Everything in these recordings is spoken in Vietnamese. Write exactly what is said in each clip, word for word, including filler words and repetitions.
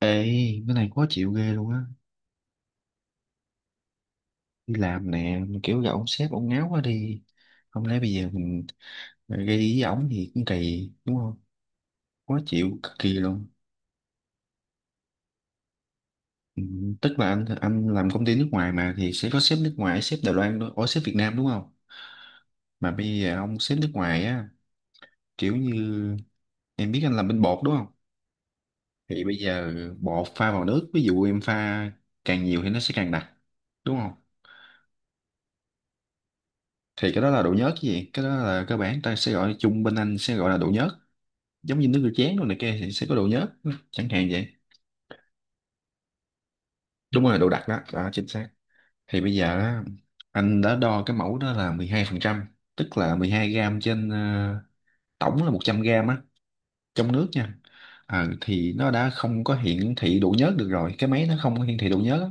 Ê, cái này khó chịu ghê luôn á. Đi làm nè, mà kiểu gặp ông sếp, ông ngáo quá đi. Không lẽ bây giờ mình gây ý với ổng thì cũng kỳ, đúng không? Khó chịu, cực kỳ luôn. Ừ, tức là anh anh làm công ty nước ngoài mà thì sẽ có sếp nước ngoài, sếp Đài Loan, đó, ủa sếp Việt Nam đúng không? Mà bây giờ ông sếp nước ngoài á, kiểu như em biết anh làm bên bột đúng không? Thì bây giờ bột pha vào nước, ví dụ em pha càng nhiều thì nó sẽ càng đặc, đúng không? Thì cái đó là độ nhớt chứ gì? Cái đó là cơ bản ta sẽ gọi chung, bên anh sẽ gọi là độ nhớt, giống như nước rửa chén rồi này kia thì sẽ có độ nhớt chẳng hạn vậy. Đúng rồi, độ đặc đó đó, chính xác. Thì bây giờ á, anh đã đo cái mẫu đó là mười hai phần trăm, tức là mười hai gram trên ờ, tổng là một trăm gram á, trong nước nha. Ờ, thì nó đã không có hiển thị độ nhớt được rồi, cái máy nó không có hiển thị độ nhớt á.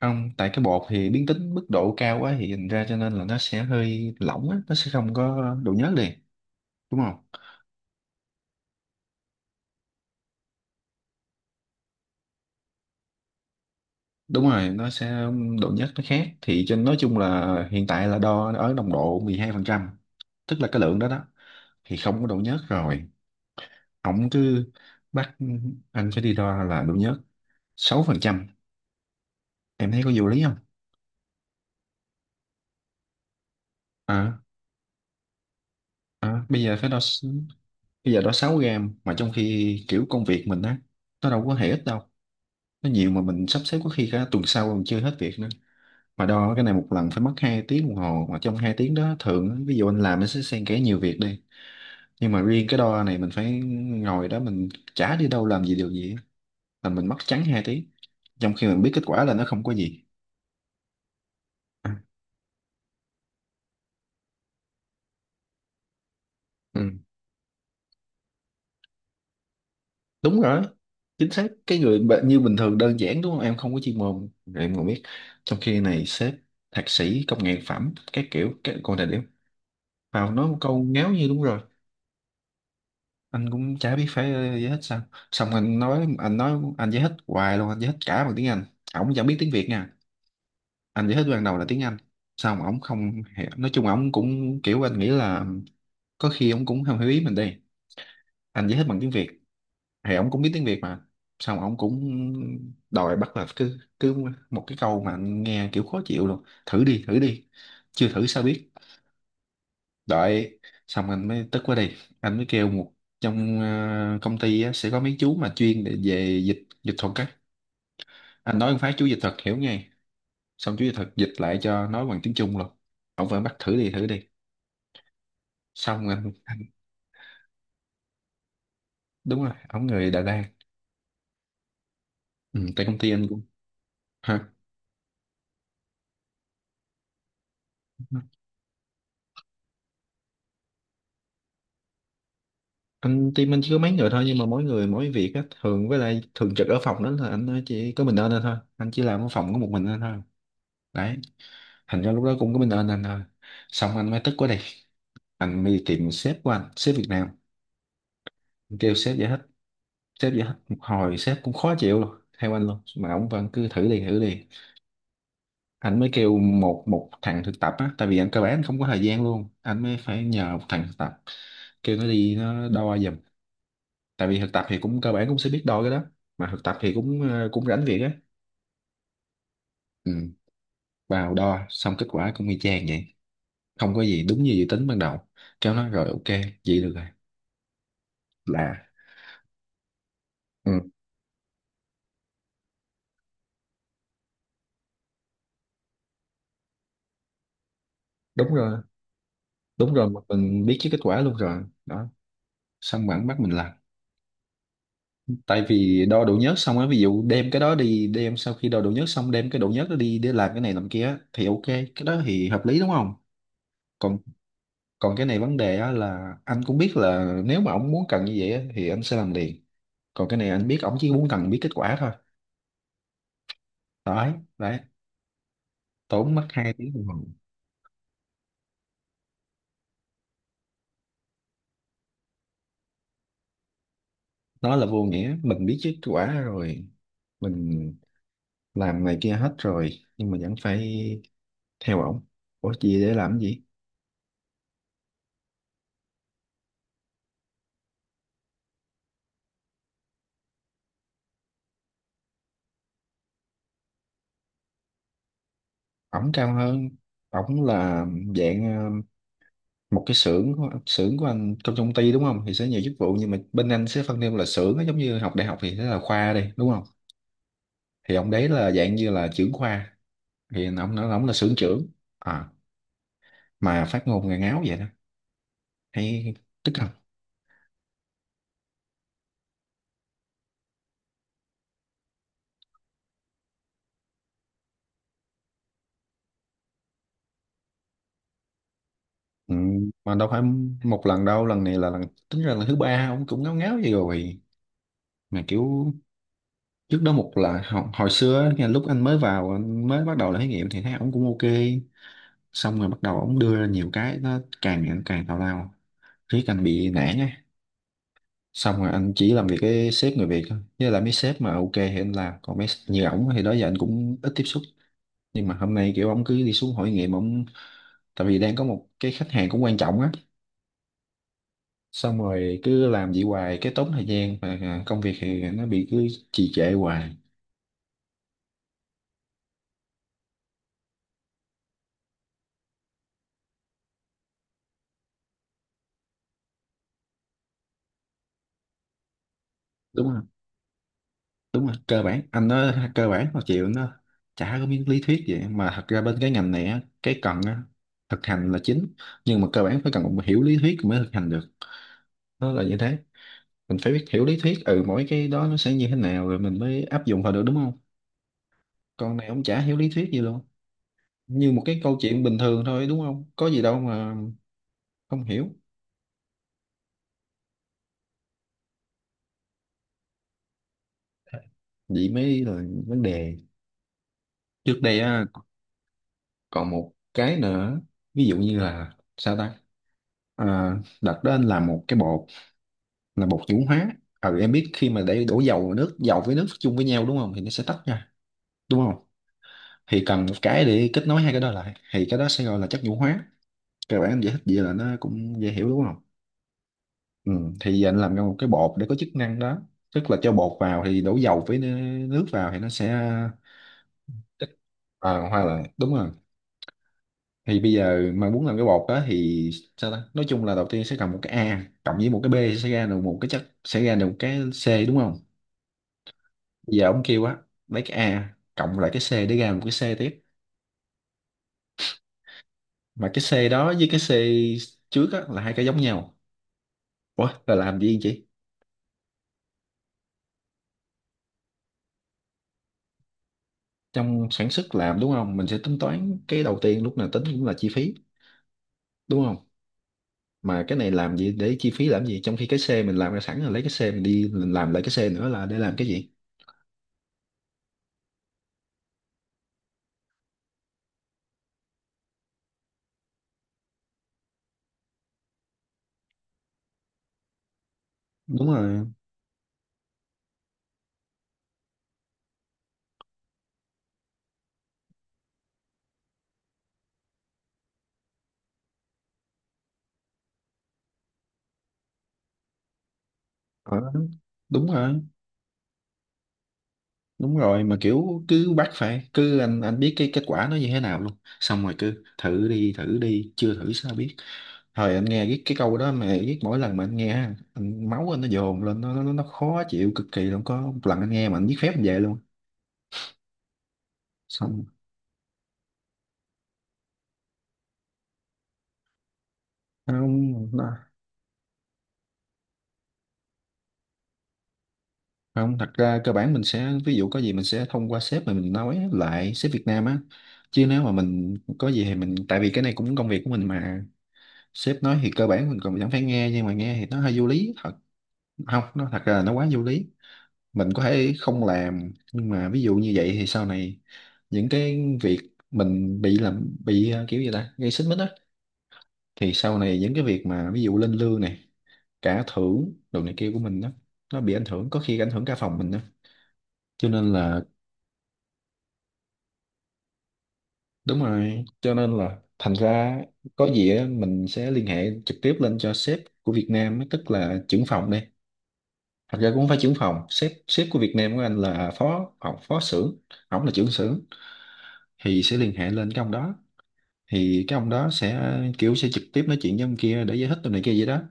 Không, tại cái bột thì biến tính mức độ cao quá thì thành ra cho nên là nó sẽ hơi lỏng á, nó sẽ không có độ nhớt liền, đúng không? Đúng rồi, nó sẽ độ nhớt nó khác, thì trên nói chung là hiện tại là đo ở nồng độ mười hai phần trăm, tức là cái lượng đó đó thì không có độ nhớt rồi. Ổng cứ bắt anh phải đi đo là độ nhớt sáu phần trăm, em thấy có vô lý không? À, à bây giờ phải đo s- bây giờ đo sáu gram, mà trong khi kiểu công việc mình á, nó đâu có hề ít đâu, nó nhiều mà mình sắp xếp có khi cả tuần sau còn chưa hết việc nữa. Mà đo cái này một lần phải mất hai tiếng đồng hồ, mà trong hai tiếng đó thường á, ví dụ anh làm nó sẽ xen kẽ nhiều việc đi, nhưng mà riêng cái đo này mình phải ngồi đó, mình chả đi đâu làm gì điều gì á, là mình mất trắng hai tiếng trong khi mình biết kết quả là nó không có gì. À, ừ. Đúng rồi, chính xác, cái người bệ- như bình thường đơn giản đúng không, em không có chuyên môn rồi em còn biết, trong khi này sếp thạc sĩ công nghệ phẩm các kiểu các còn thời điểm vào nói một câu ngáo như đúng rồi. Anh cũng chả biết phải ờ, giải thích sao, xong anh nói anh nói anh giải thích hoài luôn, anh giải thích cả bằng tiếng Anh, ổng chẳng biết tiếng Việt nha. Anh giải thích ban đầu là tiếng Anh, xong ổng không hiểu, nói chung ổng cũng kiểu anh nghĩ là có khi ổng cũng không hiểu ý mình đi. Anh giải thích bằng tiếng Việt thì ổng cũng biết tiếng Việt mà, xong ổng cũng đòi bắt là cứ cứ một cái câu mà anh nghe kiểu khó chịu luôn: thử đi thử đi, chưa thử sao biết. Đợi, xong anh mới tức quá đi, anh mới kêu một trong ờ, công ty á, sẽ có mấy chú mà chuyên để về dịch dịch thuật á, anh nói một phát chú dịch thuật hiểu ngay, xong chú dịch thuật dịch lại cho, nói bằng tiếng Trung luôn, ổng vẫn bắt thử đi thử đi. Xong anh, anh đúng rồi, ông người Đà Lạt. Ừ, tại công ty anh cũng hả, anh team anh chỉ có mấy người thôi, nhưng mà mỗi người mỗi việc á, thường với lại thường trực ở phòng đó là anh chỉ có mình anh anh thôi, anh chỉ làm ở phòng có một mình anh thôi, đấy. Thành ra lúc đó cũng có mình anh anh thôi, xong anh mới tức quá đi, anh mới đi tìm sếp của anh, sếp Việt Nam. Anh kêu sếp giải thích, sếp giải thích một hồi sếp cũng khó chịu luôn theo anh luôn, mà ông vẫn cứ thử đi thử đi. Anh mới kêu một một thằng thực tập á, tại vì anh cơ bản anh không có thời gian luôn, anh mới phải nhờ một thằng thực tập, kêu nó đi nó đo giùm, tại vì thực tập thì cũng cơ bản cũng sẽ biết đo cái đó, mà thực tập thì cũng ờ, cũng rảnh việc á. Ừ. Vào đo xong kết quả cũng y chang vậy, không có gì, đúng như dự tính ban đầu. Kêu nó rồi, ok vậy được rồi, là ừ. Đúng rồi, đúng rồi, mà mình biết chứ kết quả luôn rồi đó, xong bản bắt mình làm. Tại vì đo độ nhớt xong á, ví dụ đem cái đó đi, đem sau khi đo độ nhớt xong đem cái độ nhớt đó đi để làm cái này làm kia á, thì ok cái đó thì hợp lý đúng không. Còn còn cái này vấn đề á là anh cũng biết là nếu mà ông muốn cần như vậy á, thì anh sẽ làm liền, còn cái này anh biết ông chỉ muốn cần biết kết quả thôi, đấy đấy, tốn mất hai tiếng đồng hồ. Nó là vô nghĩa, mình biết kết quả rồi, mình làm này kia hết rồi, nhưng mà vẫn phải theo ổng, ủa gì để làm cái gì. Ổng cao hơn, ổng là dạng ờ, một cái xưởng của- xưởng của anh trong công ty đúng không, thì sẽ nhiều chức vụ nhưng mà bên anh sẽ phân theo là xưởng á, giống như học đại học thì sẽ là khoa đi đúng không, thì ông đấy là dạng như là trưởng khoa, thì ông nói ông là xưởng trưởng. À, mà phát ngôn ngà ngáo vậy đó, hay tức không. Ừ, mà đâu phải một lần đâu, lần này là lần tính ra là thứ ba ông cũng ngáo ngáo vậy rồi, mà kiểu trước đó một là hồi, hồi xưa á, nghe lúc anh mới vào anh mới bắt đầu là thí nghiệm thì thấy ông cũng ok, xong rồi bắt đầu ông đưa ra nhiều cái nó càng ngày nó càng tào lao, riết anh bị nản á. Xong rồi anh chỉ làm việc cái sếp người Việt thôi, với lại mấy sếp mà ok thì anh làm, còn mấy như ổng thì đó giờ anh cũng ít tiếp xúc, nhưng mà hôm nay kiểu ổng cứ đi xuống hội nghiệm ổng, tại vì đang có một cái khách hàng cũng quan trọng á. Xong rồi cứ làm vậy hoài cái tốn thời gian và à, công việc thì nó bị cứ trì trệ hoài, đúng không. Đúng rồi, cơ bản anh nói cơ bản mà chịu nó, chả có miếng lý thuyết vậy, mà thật ra bên cái ngành này á cái cần á thực hành là chính, nhưng mà cơ bản phải cần một hiểu lý thuyết mới thực hành được, nó là như thế. Mình phải biết hiểu lý thuyết, ừ, mỗi cái đó nó sẽ như thế nào rồi mình mới áp dụng vào được đúng không, con này ông chả hiểu lý thuyết gì luôn, như một cái câu chuyện bình thường thôi đúng không, có gì đâu mà không hiểu. Vậy mới là vấn đề. Trước đây á, còn một cái nữa, ví dụ như là sao ta, à, đặt đó anh làm một cái bột là bột nhũ hóa. Ừ, em biết khi mà để đổ dầu vào nước, dầu với nước chung với nhau đúng không thì nó sẽ tách ra, đúng không. Thì cần một cái để kết nối hai cái đó lại, thì cái đó sẽ gọi là chất nhũ hóa, các bạn giải thích vậy là nó cũng dễ hiểu đúng không. Ừ, thì anh làm ra một cái bột để có chức năng đó, tức là cho bột vào thì đổ dầu với nơ- nước vào thì nó sẽ à, hoa là đúng rồi. Thì bây giờ mà muốn làm cái bột đó thì sao ta, nói chung là đầu tiên sẽ cần một cái A cộng với một cái B thì sẽ ra được một cái chất, sẽ ra được một cái C đúng không. Bây giờ ông kêu á, lấy cái A cộng lại cái C để ra một cái C tiếp, mà cái C đó với cái C trước á là hai cái giống nhau, ủa là làm gì chị. Trong sản xuất làm đúng không, mình sẽ tính toán cái đầu tiên lúc nào tính cũng là chi phí, đúng không, mà cái này làm gì để chi phí làm gì trong khi cái xe mình làm ra sẵn rồi, lấy cái xe mình đi mình làm lại cái xe nữa là để làm cái gì. Đúng rồi. Ờ, Đúng rồi. Đúng rồi mà kiểu cứ bắt phải, cứ anh anh biết cái kết quả nó như thế nào luôn, xong rồi cứ thử đi thử đi, chưa thử sao biết. Thời anh nghe cái cái câu đó mà biết, mỗi lần mà anh nghe á, anh, máu anh nó dồn lên, nó nó nó khó chịu cực kỳ luôn. Có một lần anh nghe mà anh viết phép anh về luôn xong. Nó, nó không, thật ra cơ bản mình sẽ, ví dụ có gì mình sẽ thông qua sếp mà mình nói lại, sếp Việt Nam á, chứ nếu mà mình có gì thì mình, tại vì cái này cũng công việc của mình mà. Sếp nói thì cơ bản mình còn chẳng phải nghe, nhưng mà nghe thì nó hơi vô lý thật. Không, nó thật ra là nó quá vô lý. Mình có thể không làm, nhưng mà ví dụ như vậy thì sau này những cái việc mình bị làm bị ờ, kiểu gì ta, gây xích mích á, thì sau này những cái việc mà ví dụ lên lương này, cả thưởng đồ này kia của mình đó, nó bị ảnh hưởng, có khi ảnh hưởng cả phòng mình đó, cho nên là. Đúng rồi, cho nên là thành ra có gì á, mình sẽ liên hệ trực tiếp lên cho sếp của Việt Nam á, tức là trưởng phòng đây. Thật ra cũng không phải trưởng phòng, sếp sếp của Việt Nam của anh là phó phó, phó xưởng, ổng là trưởng xưởng thì sẽ liên hệ lên cái ông đó. Thì cái ông đó sẽ kiểu sẽ trực tiếp nói chuyện với ông kia để giải thích tụi này kia vậy đó.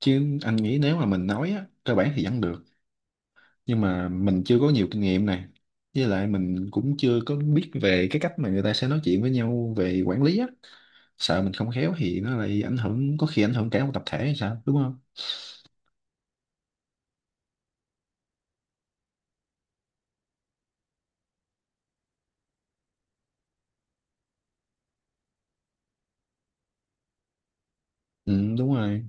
Chứ anh nghĩ nếu mà mình nói á, cơ bản thì vẫn được, nhưng mà mình chưa có nhiều kinh nghiệm này. Với lại mình cũng chưa có biết về cái cách mà người ta sẽ nói chuyện với nhau về quản lý á, sợ mình không khéo thì nó lại ảnh hưởng, có khi ảnh hưởng cả một tập thể hay sao, đúng không? Ừ, đúng rồi.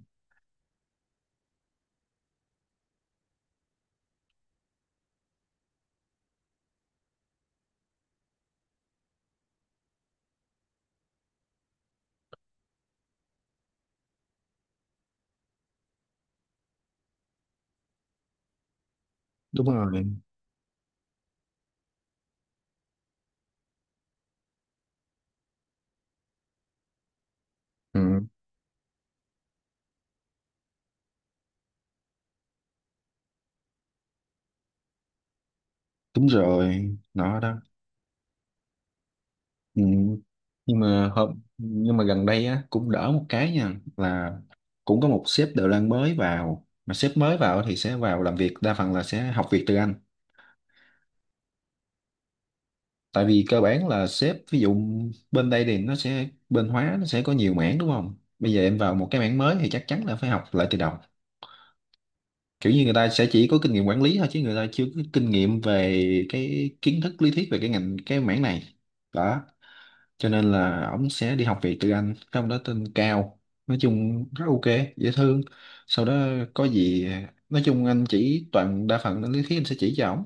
Đúng rồi. Ừ, đúng rồi, nó đó. Ừ. Nhưng mà hôm, nhưng mà gần đây á cũng đỡ một cái nha là cũng có một sếp Đài Loan mới vào, mà sếp mới vào thì sẽ vào làm việc đa phần là sẽ học việc từ anh. Tại vì cơ bản là sếp, ví dụ bên đây thì nó sẽ, bên hóa nó sẽ có nhiều mảng, đúng không? Bây giờ em vào một cái mảng mới thì chắc chắn là phải học lại từ đầu, kiểu như người ta sẽ chỉ có kinh nghiệm quản lý thôi chứ người ta chưa có kinh nghiệm về cái kiến thức lý thuyết về cái ngành, cái mảng này đó. Cho nên là ổng sẽ đi học việc từ anh, cái ông đó tên Cao. Nói chung rất ok, dễ thương. Sau đó có gì, nói chung anh chỉ toàn đa phần là lý thuyết anh sẽ chỉ cho ổng.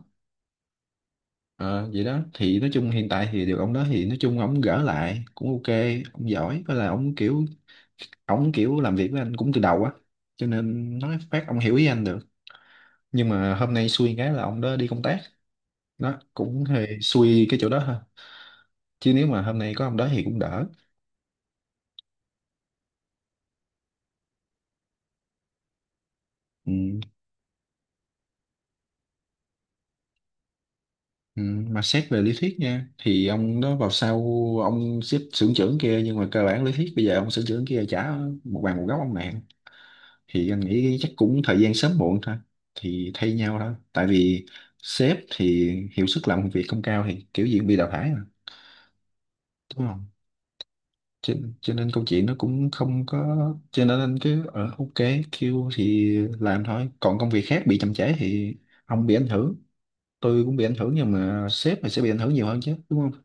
Ờ, vậy đó, thì nói chung hiện tại thì được ông đó thì nói chung ổng gỡ lại cũng ok. Ông giỏi với là ổng kiểu, ổng kiểu làm việc với anh cũng từ đầu á, cho nên nói phát ông hiểu ý anh được. Nhưng mà hôm nay xui cái là ông đó đi công tác, đó cũng hơi xui cái chỗ đó thôi, chứ nếu mà hôm nay có ông đó thì cũng đỡ. Ừ. Ừ. Mà xét về lý thuyết nha thì ông đó vào sau ông xếp xưởng trưởng kia, nhưng mà cơ bản lý thuyết bây giờ ông xưởng trưởng kia trả một bàn một góc ông nạn, thì anh nghĩ chắc cũng thời gian sớm muộn thôi, thì thay nhau thôi, tại vì sếp thì hiệu suất làm việc không cao thì kiểu gì cũng bị đào thải mà, đúng không? cho, cho nên câu chuyện nó cũng không có, cho nên anh cứ ở ok kêu thì làm thôi, còn công việc khác bị chậm trễ thì ông bị ảnh hưởng, tôi cũng bị ảnh hưởng, nhưng mà sếp thì sẽ bị ảnh hưởng nhiều hơn chứ, đúng không?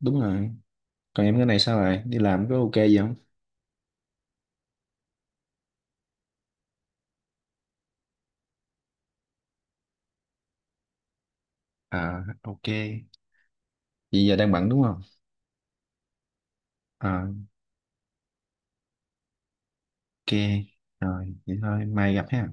Đúng rồi. Còn em cái này sao lại đi làm, có ok gì không? À ok, vậy giờ đang bận đúng không? À ok, rồi vậy thôi mai gặp ha.